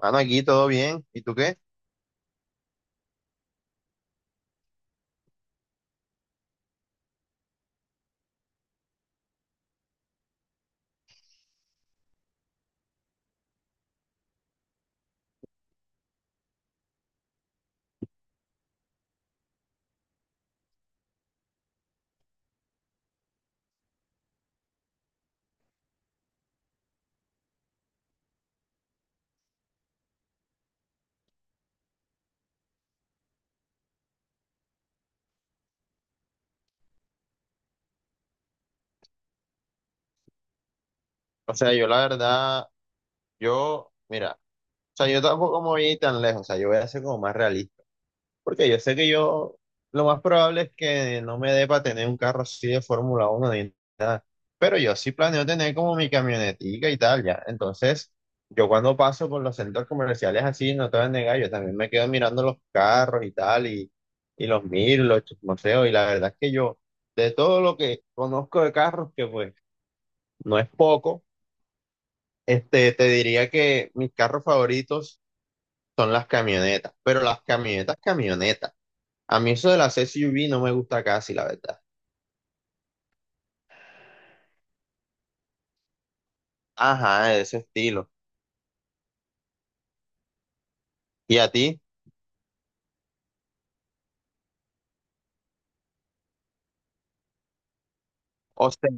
Mano, aquí todo bien. ¿Y tú qué? O sea, yo la verdad, yo, mira, o sea, yo tampoco me voy a ir tan lejos, o sea, yo voy a ser como más realista, porque yo sé que lo más probable es que no me dé para tener un carro así de Fórmula 1 ni nada, pero yo sí planeo tener como mi camionetica y tal, ya. Entonces, yo cuando paso por los centros comerciales así, no te voy a negar, yo también me quedo mirando los carros y tal, y los miro, los museos, y la verdad es que yo, de todo lo que conozco de carros, que pues no es poco. Te diría que mis carros favoritos son las camionetas, pero las camionetas, camionetas. A mí eso de las SUV no me gusta casi, la verdad. Ajá, de ese estilo. ¿Y a ti? O sea,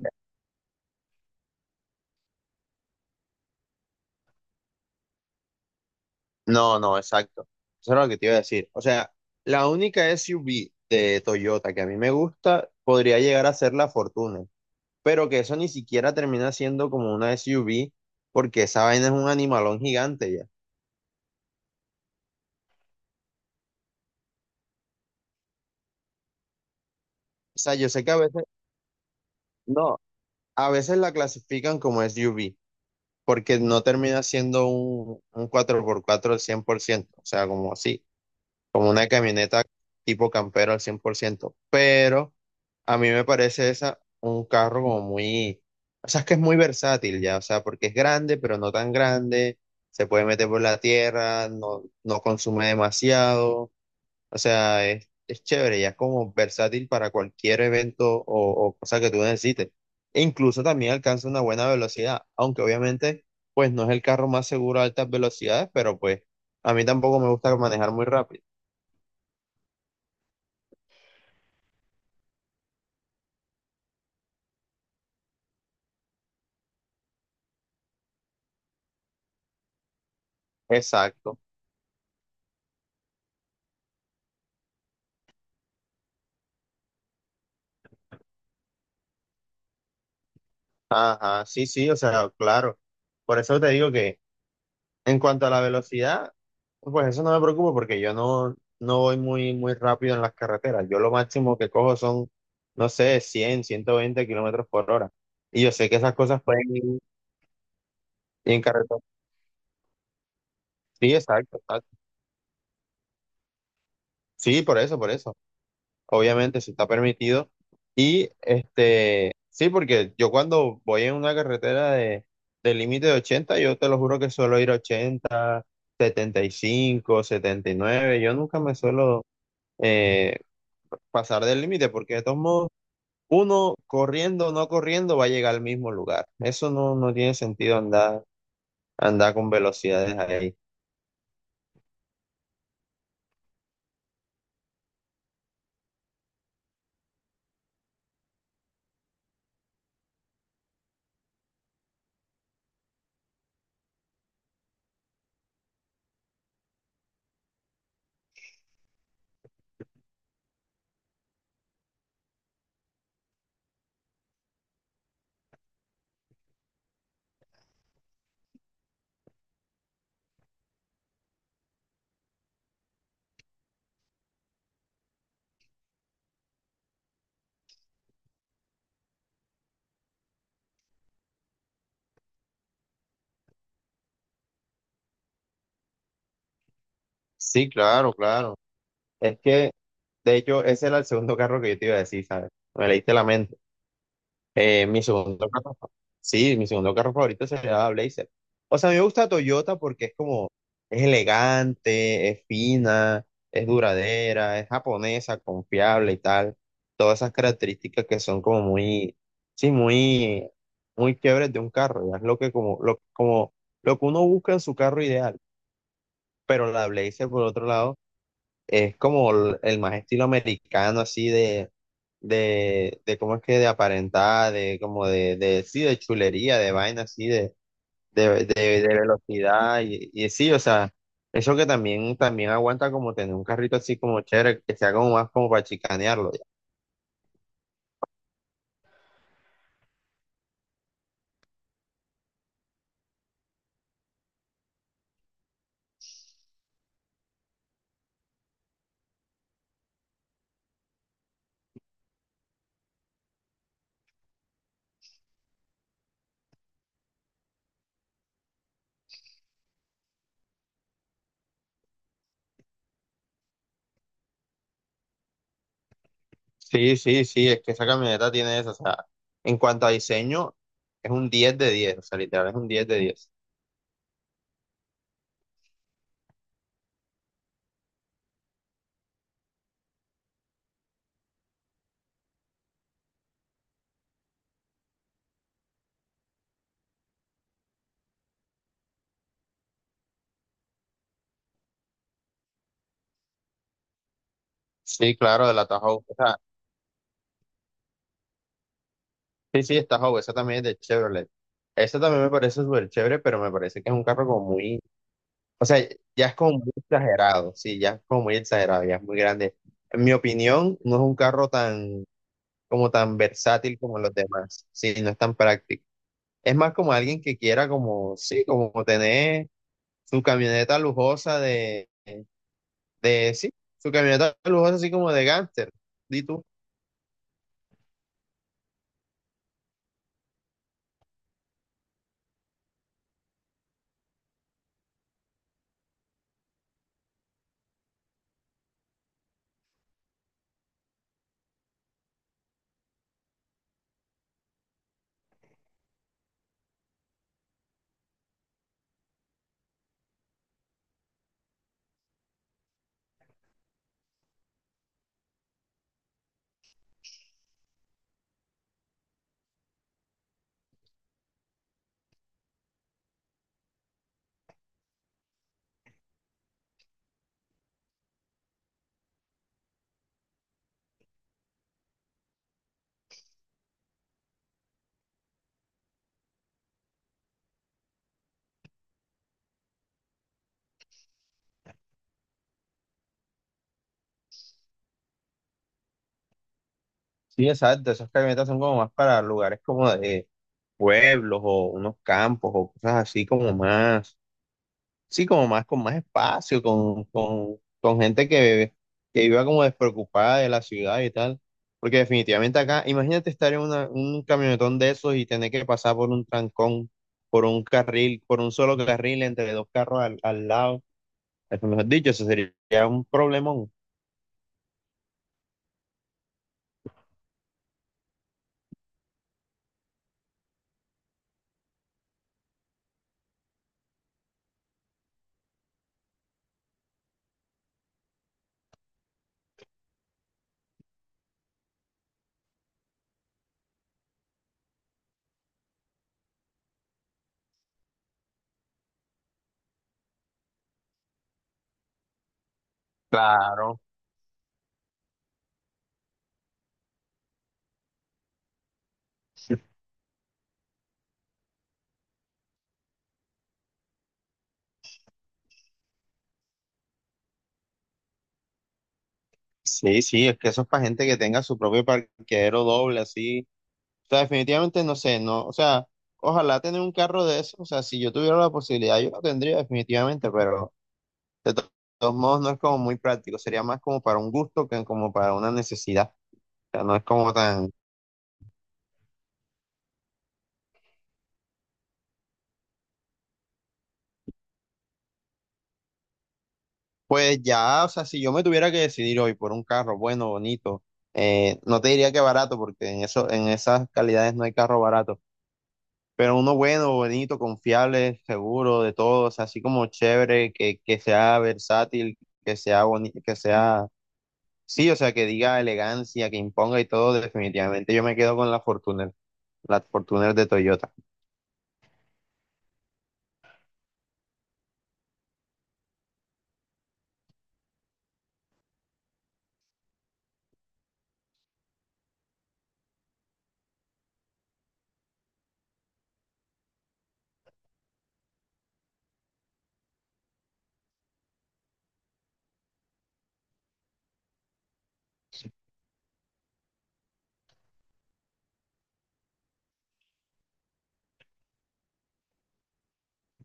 no, no, exacto. Eso es lo que te iba a decir. O sea, la única SUV de Toyota que a mí me gusta podría llegar a ser la Fortuner, pero que eso ni siquiera termina siendo como una SUV porque esa vaina es un animalón gigante ya. O sea, yo sé que a veces, no, a veces la clasifican como SUV, porque no termina siendo un 4x4 al 100%, o sea, como así, como una camioneta tipo campero al 100%, pero a mí me parece esa un carro como muy, o sea, es que es muy versátil ya, o sea, porque es grande, pero no tan grande, se puede meter por la tierra, no, no consume demasiado, o sea, es chévere, ya es como versátil para cualquier evento o cosa que tú necesites. E incluso también alcanza una buena velocidad, aunque obviamente, pues no es el carro más seguro a altas velocidades, pero pues a mí tampoco me gusta manejar muy rápido. Exacto. Ajá, sí, sí, o sea, claro. Por eso te digo que en cuanto a la velocidad, pues eso no me preocupa porque yo no voy muy, muy rápido en las carreteras. Yo lo máximo que cojo son, no sé, 100, 120 km/h. Y yo sé que esas cosas pueden ir en carretera. Sí, exacto, exacto. Sí, por eso, por eso. Obviamente, si está permitido. Y sí, porque yo cuando voy en una carretera de límite de 80, yo te lo juro que suelo ir 80, 75, 79. Yo nunca me suelo eh, pasar del límite, porque de todos modos, uno corriendo o no corriendo va a llegar al mismo lugar. Eso no tiene sentido andar con velocidades ahí. Sí, claro, claro. Es que, de hecho, ese era el segundo carro que yo te iba a decir, ¿sabes? Me leíste la mente. Mi segundo carro, sí, mi segundo carro favorito sería la Blazer. O sea, a mí me gusta Toyota porque es como, es elegante, es fina, es duradera, es japonesa, confiable y tal. Todas esas características que son como muy, sí, muy, muy quiebres de un carro. Ya es lo que como, lo que uno busca en su carro ideal. Pero la Blazer, por otro lado, es como el más estilo americano, así de, de cómo es que de aparentar, de como de sí, de chulería, de vaina así, de velocidad, y sí, o sea, eso que también aguanta como tener un carrito así como chévere, que sea como más como para chicanearlo, ya. Sí, sí, sí, es que esa camioneta tiene eso, o sea, en cuanto a diseño, es un 10 de 10, o sea, literal es un 10 de 10. Sí, claro, de la Tahoe, o sea, sí, sí, esta Howe, esa también es de Chevrolet. Esa también me parece súper chévere, pero me parece que es un carro como muy, o sea, ya es como muy exagerado, sí, ya es como muy exagerado, ya es muy grande. En mi opinión, no es un carro tan, como tan versátil como los demás, sí, no es tan práctico. Es más como alguien que quiera como, sí, como tener su camioneta lujosa de, sí, su camioneta lujosa así como de gánster, di tú. Sí, exacto, esas camionetas son como más para lugares como de pueblos o unos campos o cosas así como más, sí, como más con más espacio, con gente que iba como despreocupada de la ciudad y tal. Porque definitivamente acá, imagínate estar en un camionetón de esos y tener que pasar por un trancón, por un carril, por un solo carril entre dos carros al lado. Eso, mejor dicho, eso sería un problemón. Claro. Sí, sí, es que eso es para gente que tenga su propio parqueadero doble, así. O sea, definitivamente no sé, no, o sea, ojalá tener un carro de eso, o sea, si yo tuviera la posibilidad, yo lo tendría definitivamente, pero de todos modos no es como muy práctico, sería más como para un gusto que como para una necesidad, o sea, no es como tan, pues ya, o sea, si yo me tuviera que decidir hoy por un carro bueno, bonito, no te diría que barato, porque en eso, en esas calidades no hay carro barato. Pero uno bueno, bonito, confiable, seguro de todo, o sea, así como chévere, que sea versátil, que sea bonito, que sea, sí, o sea, que diga elegancia, que imponga y todo, definitivamente yo me quedo con la Fortuner de Toyota.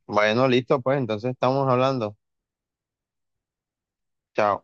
Bueno, listo, pues entonces estamos hablando. Chao.